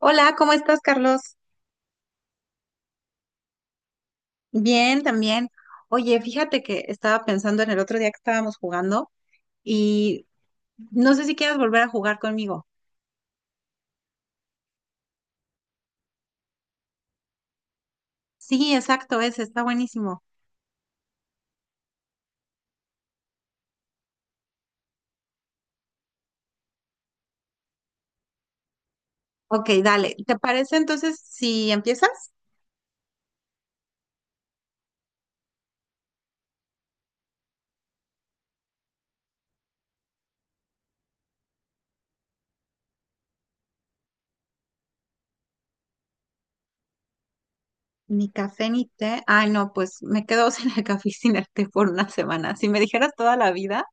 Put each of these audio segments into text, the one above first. Hola, ¿cómo estás, Carlos? Bien, también. Oye, fíjate que estaba pensando en el otro día que estábamos jugando y no sé si quieras volver a jugar conmigo. Sí, exacto, ese está buenísimo. Ok, dale. ¿Te parece entonces si empiezas? Ni café ni té. Ay, no, pues me quedo sin el café y sin el té por una semana. Si me dijeras toda la vida,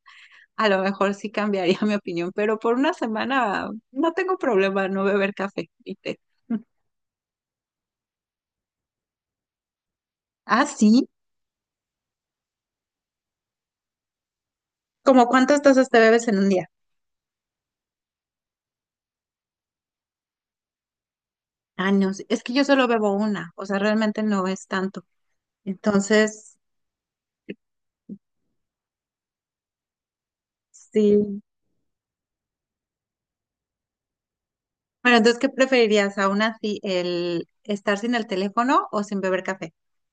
a lo mejor sí cambiaría mi opinión, pero por una semana no tengo problema no beber café y té. Ah, sí. ¿Cómo cuántas tazas te bebes en un día? Años. Es que yo solo bebo una, o sea, realmente no es tanto. Entonces, sí. Bueno, entonces, ¿qué preferirías aún así, el estar sin el teléfono o sin beber café?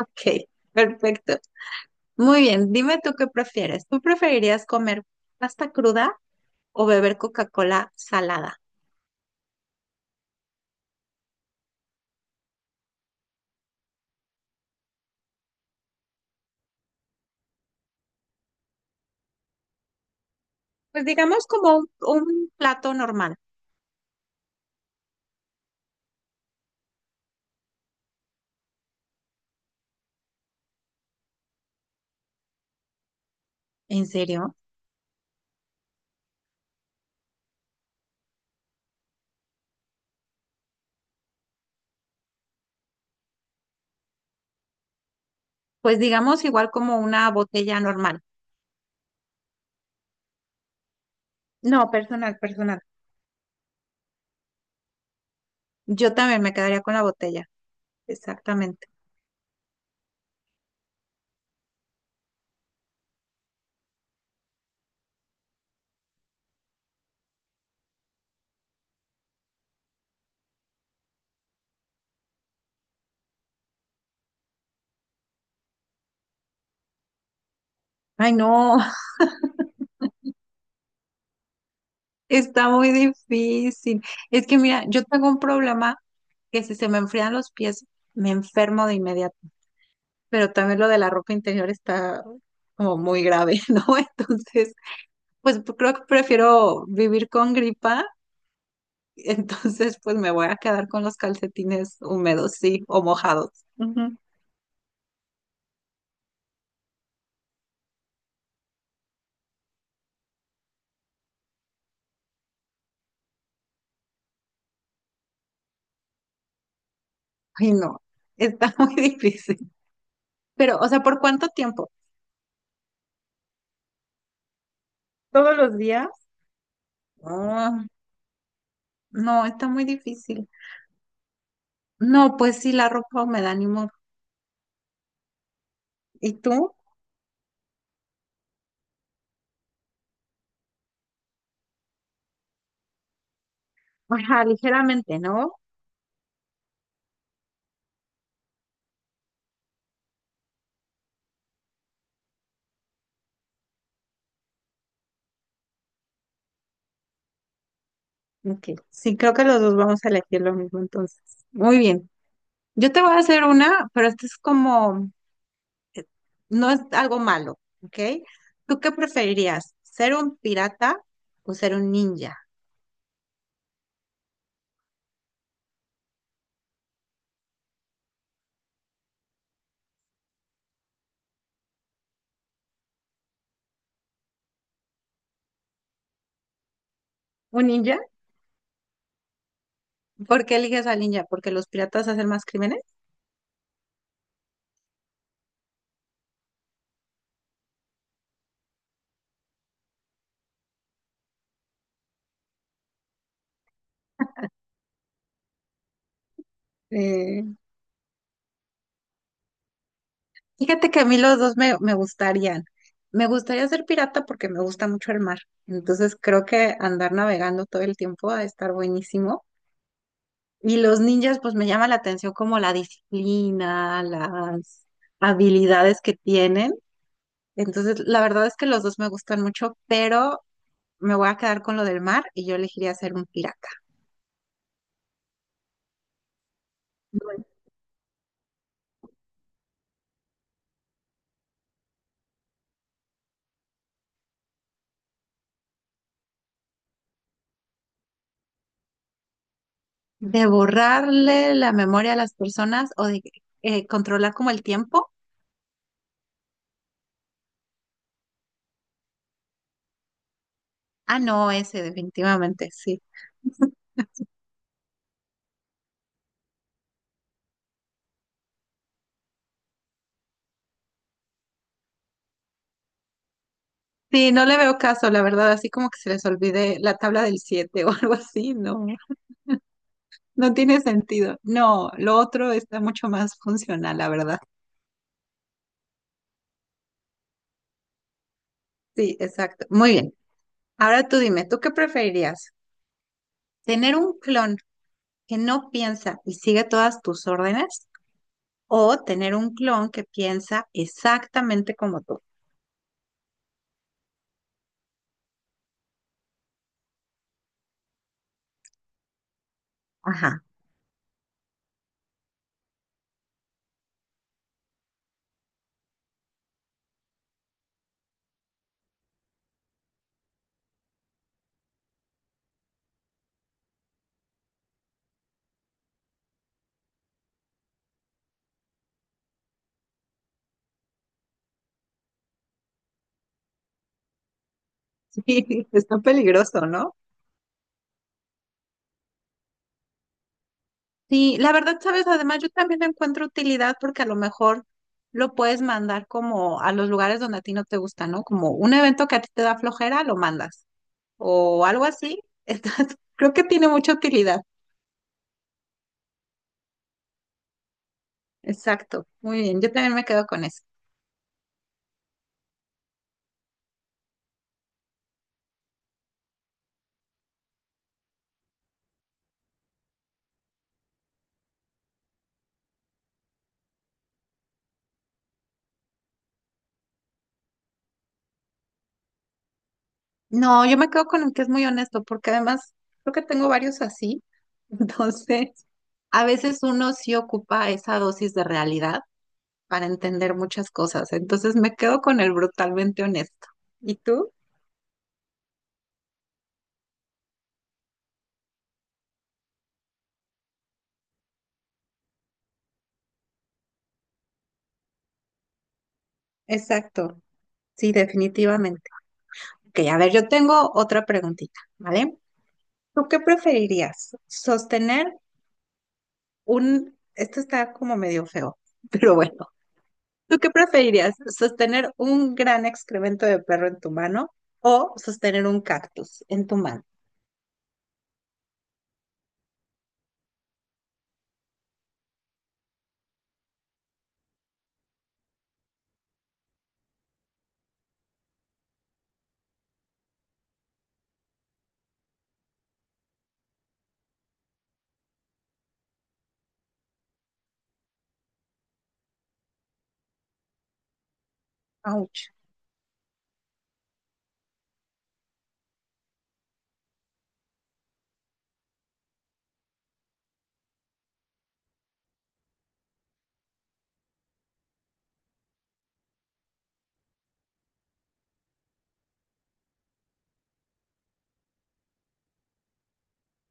Ok, perfecto. Muy bien, dime tú qué prefieres. ¿Tú preferirías comer pasta cruda o beber Coca-Cola salada? Pues digamos como un plato normal. ¿En serio? Pues digamos igual como una botella normal. No, personal, personal. Yo también me quedaría con la botella. Exactamente. Ay, no. Está muy difícil. Es que mira, yo tengo un problema que si se me enfrían los pies, me enfermo de inmediato. Pero también lo de la ropa interior está como muy grave, ¿no? Entonces, pues creo que prefiero vivir con gripa. Entonces, pues me voy a quedar con los calcetines húmedos, sí, o mojados. Ujú. Ay, no, está muy difícil. Pero, o sea, ¿por cuánto tiempo? ¿Todos los días? Ah, no, está muy difícil. No, pues sí, la ropa húmeda, ni modo. ¿Y tú? Ajá, ligeramente, ¿no? Ok. Sí, creo que los dos vamos a elegir lo mismo entonces. Muy bien. Yo te voy a hacer una, pero esto es como, no es algo malo, ¿ok? ¿Tú qué preferirías? ¿Ser un pirata o ser un ninja? ¿Un ninja? ¿Por qué eliges al ninja? ¿Porque los piratas hacen más crímenes? Eh, Fíjate que a mí los dos me gustarían. Me gustaría ser pirata porque me gusta mucho el mar. Entonces creo que andar navegando todo el tiempo va a estar buenísimo. Y los ninjas, pues me llama la atención como la disciplina, las habilidades que tienen. Entonces, la verdad es que los dos me gustan mucho, pero me voy a quedar con lo del mar y yo elegiría ser un pirata. De borrarle la memoria a las personas o de controlar como el tiempo. Ah, no, ese definitivamente, sí. Sí, no le veo caso, la verdad, así como que se les olvide la tabla del 7 o algo así, no, no tiene sentido. No, lo otro está mucho más funcional, la verdad. Sí, exacto. Muy bien. Ahora tú dime, ¿tú qué preferirías? ¿Tener un clon que no piensa y sigue todas tus órdenes o tener un clon que piensa exactamente como tú? Ajá. Sí, está peligroso, ¿no? Sí, la verdad, sabes, además yo también le encuentro utilidad porque a lo mejor lo puedes mandar como a los lugares donde a ti no te gusta, ¿no? Como un evento que a ti te da flojera, lo mandas o algo así. Entonces, creo que tiene mucha utilidad. Exacto, muy bien, yo también me quedo con eso. No, yo me quedo con el que es muy honesto porque además creo que tengo varios así. Entonces, a veces uno sí ocupa esa dosis de realidad para entender muchas cosas. Entonces, me quedo con el brutalmente honesto. ¿Y tú? Exacto, sí, definitivamente. Ok, a ver, yo tengo otra preguntita, ¿vale? ¿Tú qué preferirías? ¿Sostener un... Esto está como medio feo, pero bueno. ¿Tú qué preferirías? ¿Sostener un gran excremento de perro en tu mano o sostener un cactus en tu mano? Ouch.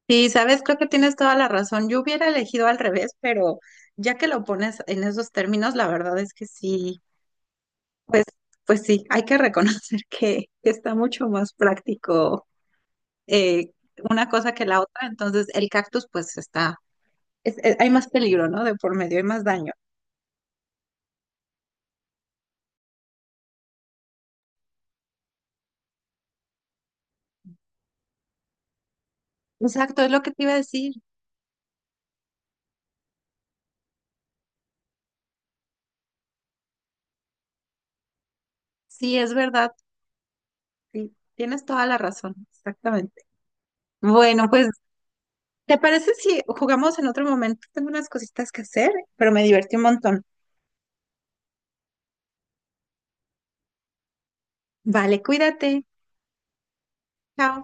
Sí, sabes, creo que tienes toda la razón. Yo hubiera elegido al revés, pero ya que lo pones en esos términos, la verdad es que sí, pues, pues sí, hay que reconocer que está mucho más práctico eh, una cosa que la otra, entonces el cactus pues está, hay más peligro, ¿no? De por medio, hay más daño. Exacto, es lo que te iba a decir. Sí, es verdad. Sí, tienes toda la razón, exactamente. Bueno, pues, ¿te parece si jugamos en otro momento? Tengo unas cositas que hacer, pero me divertí un montón. Vale, cuídate. Chao.